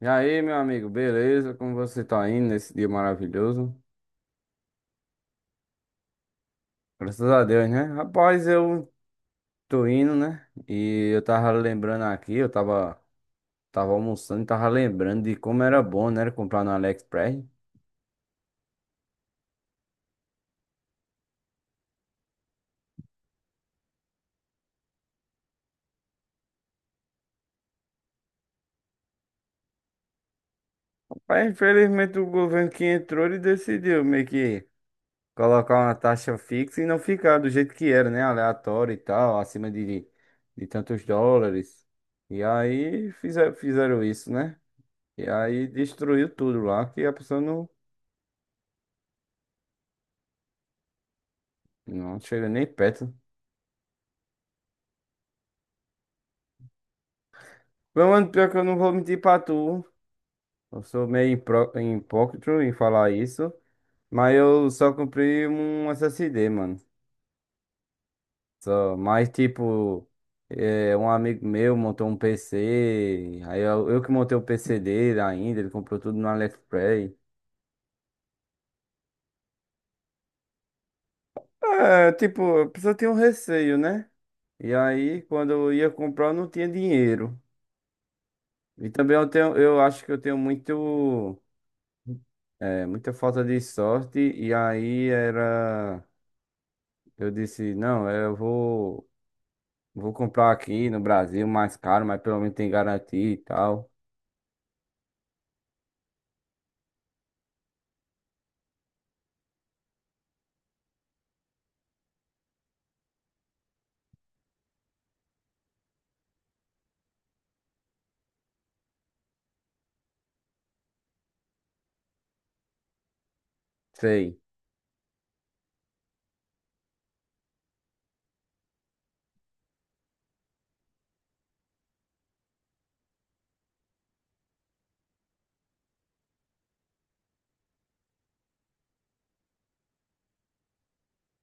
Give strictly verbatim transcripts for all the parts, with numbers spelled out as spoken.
E aí, meu amigo, beleza? Como você tá indo nesse dia maravilhoso? Graças a Deus, né? Rapaz, eu tô indo, né? E eu tava lembrando aqui, eu tava, tava almoçando e tava lembrando de como era bom, né? Comprar no AliExpress. Mas infelizmente o governo que entrou, ele decidiu meio que colocar uma taxa fixa e não ficar do jeito que era, né? Aleatório e tal, acima de, de tantos dólares. E aí fizeram, fizeram isso, né? E aí destruiu tudo lá, que a pessoa não. Não chega nem perto. Meu mano, pior que eu não vou mentir pra tu. Eu sou meio impro- hipócrita em falar isso. Mas eu só comprei um SSD, mano. Só, mas tipo, é, um amigo meu montou um P C. Aí eu, eu que montei o P C dele ainda, ele comprou tudo no AliExpress. É, tipo, a pessoa tem um receio, né? E aí, quando eu ia comprar, eu não tinha dinheiro. E também eu tenho, eu acho que eu tenho muito. É, muita falta de sorte. E aí era. Eu disse, não, é, eu vou, vou comprar aqui no Brasil mais caro, mas pelo menos tem garantia e tal. Sei.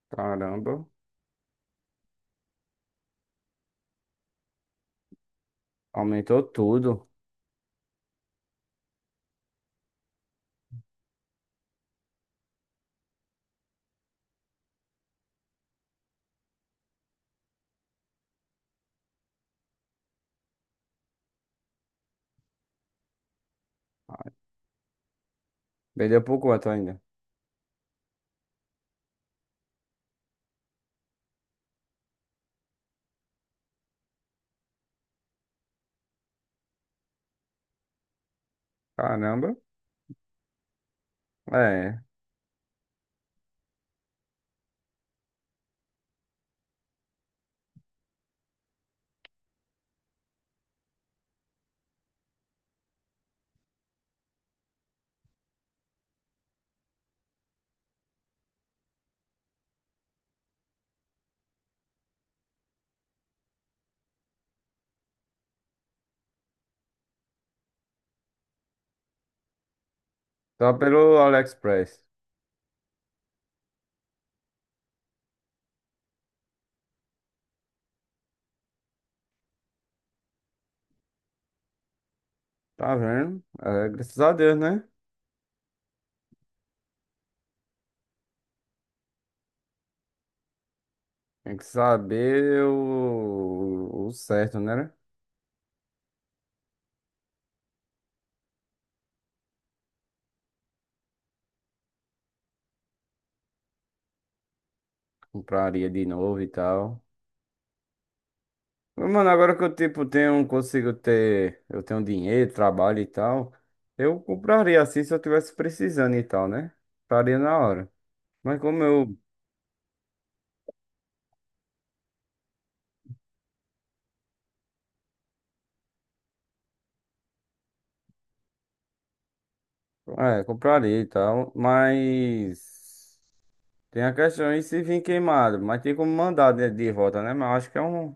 Caramba. Aumentou tudo. Vendeu por quanto ainda? Caramba. É. Só pelo AliExpress. Tá vendo? É, graças a Deus, né? Tem que saber o, o certo, né? Compraria de novo e tal. Mano, agora que eu, tipo, tenho, consigo ter, eu tenho dinheiro, trabalho e tal, eu compraria assim se eu tivesse precisando e tal, né? Compraria na hora. Mas como eu, é, compraria e tal, mas tem a questão de se vir queimado, mas tem como mandar de, de volta, né? Mas eu acho que é um,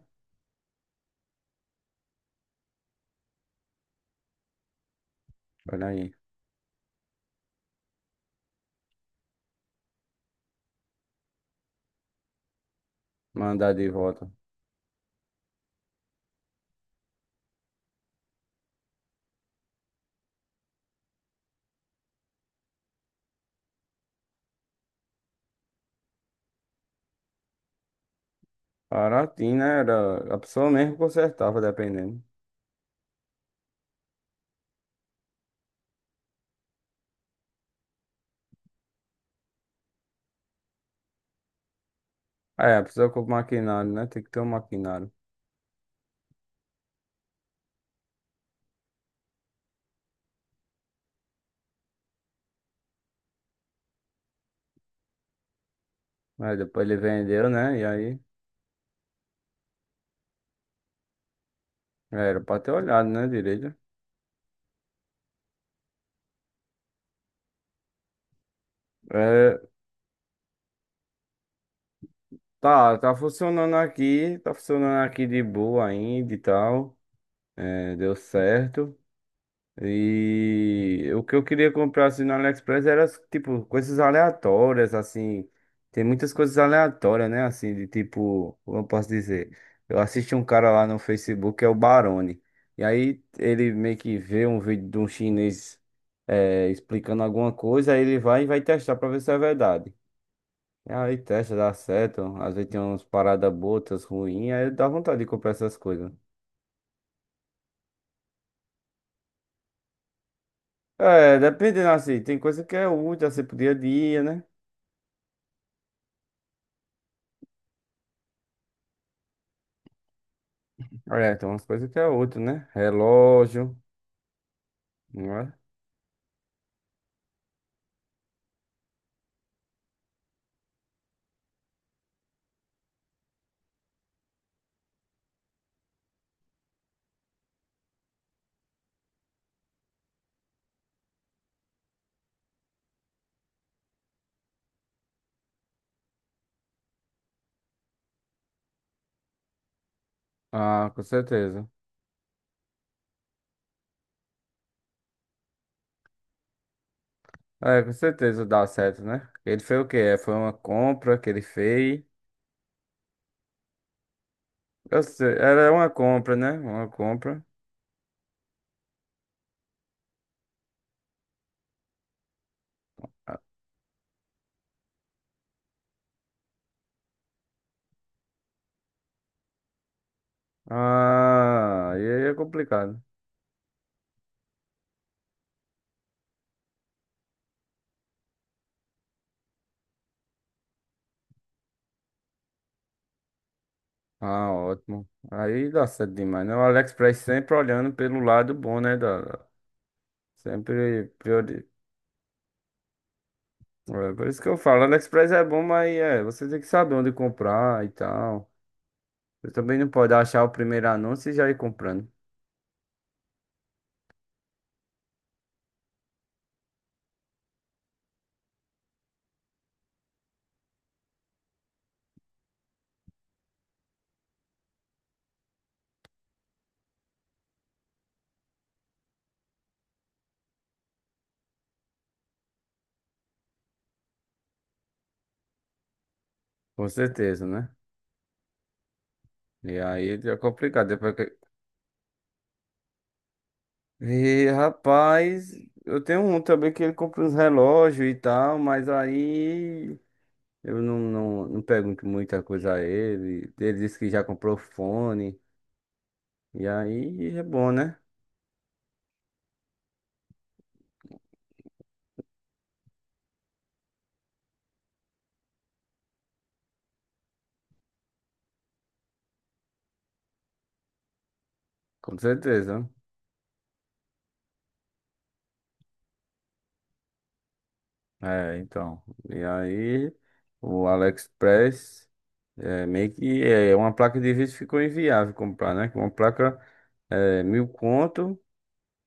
olha aí, mandar de volta. Baratinho, né? Era, a pessoa mesmo consertava, dependendo. É, a pessoa com o maquinário, né? Tem que ter um maquinário. Aí depois ele vendeu, né? E aí... Era pra ter olhado, né, direito. É, tá, tá funcionando aqui, tá funcionando aqui de boa ainda e tal. É, deu certo. E o que eu queria comprar assim no AliExpress era tipo coisas aleatórias, assim. Tem muitas coisas aleatórias, né? Assim, de tipo, como eu posso dizer? Eu assisti um cara lá no Facebook, que é o Barone. E aí ele meio que vê um vídeo de um chinês é, explicando alguma coisa, aí ele vai e vai testar pra ver se é verdade. E aí testa, dá certo. Às vezes tem umas paradas botas ruins, aí dá vontade de comprar essas coisas. É, dependendo assim, tem coisa que é útil, assim, pro dia a dia, né? É, tem umas coisas que é útil, né? Relógio, não é? Ah, com certeza. É, com certeza dá certo, né? Ele fez o quê? É, foi uma compra que ele fez. Eu sei, era uma compra, né? Uma compra. Ah, e aí é complicado. Ah, ótimo. Aí dá certo demais, né? O AliExpress sempre olhando pelo lado bom, né? Da, sempre priori... É, por isso que eu falo, AliExpress é bom, mas é, você tem que saber onde comprar e tal. Você também não pode achar o primeiro anúncio e já ir comprando. Com certeza, né? E aí é complicado. Depois que... E rapaz, eu tenho um também que ele compra uns relógios e tal, mas aí eu não, não, não pergunto muita coisa a ele. Ele disse que já comprou fone. E aí é bom, né? Com certeza. É, então. E aí, o AliExpress é, meio que é, é uma placa de vídeo ficou inviável comprar, né? Que é uma placa é, mil conto,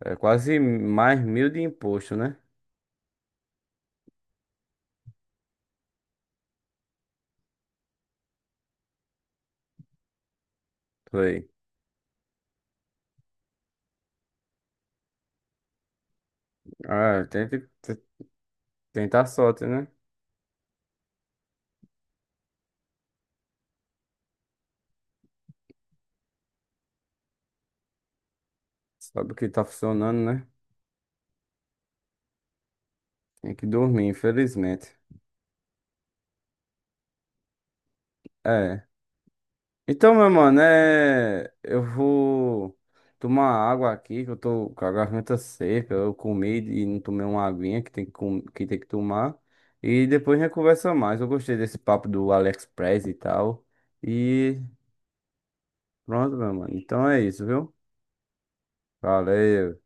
é quase mais mil de imposto, né? Foi. Ah, tem que te- tentar a sorte, né? Sabe o que tá funcionando, né? Tem que dormir, infelizmente. É. Então, meu mano, é... eu vou tomar água aqui, que eu tô com a garganta seca. Eu comi e não tomei uma aguinha que tem que, com- que tem que tomar. E depois a gente conversa mais. Eu gostei desse papo do AliExpress e tal. E pronto, meu mano. Então é isso, viu? Valeu.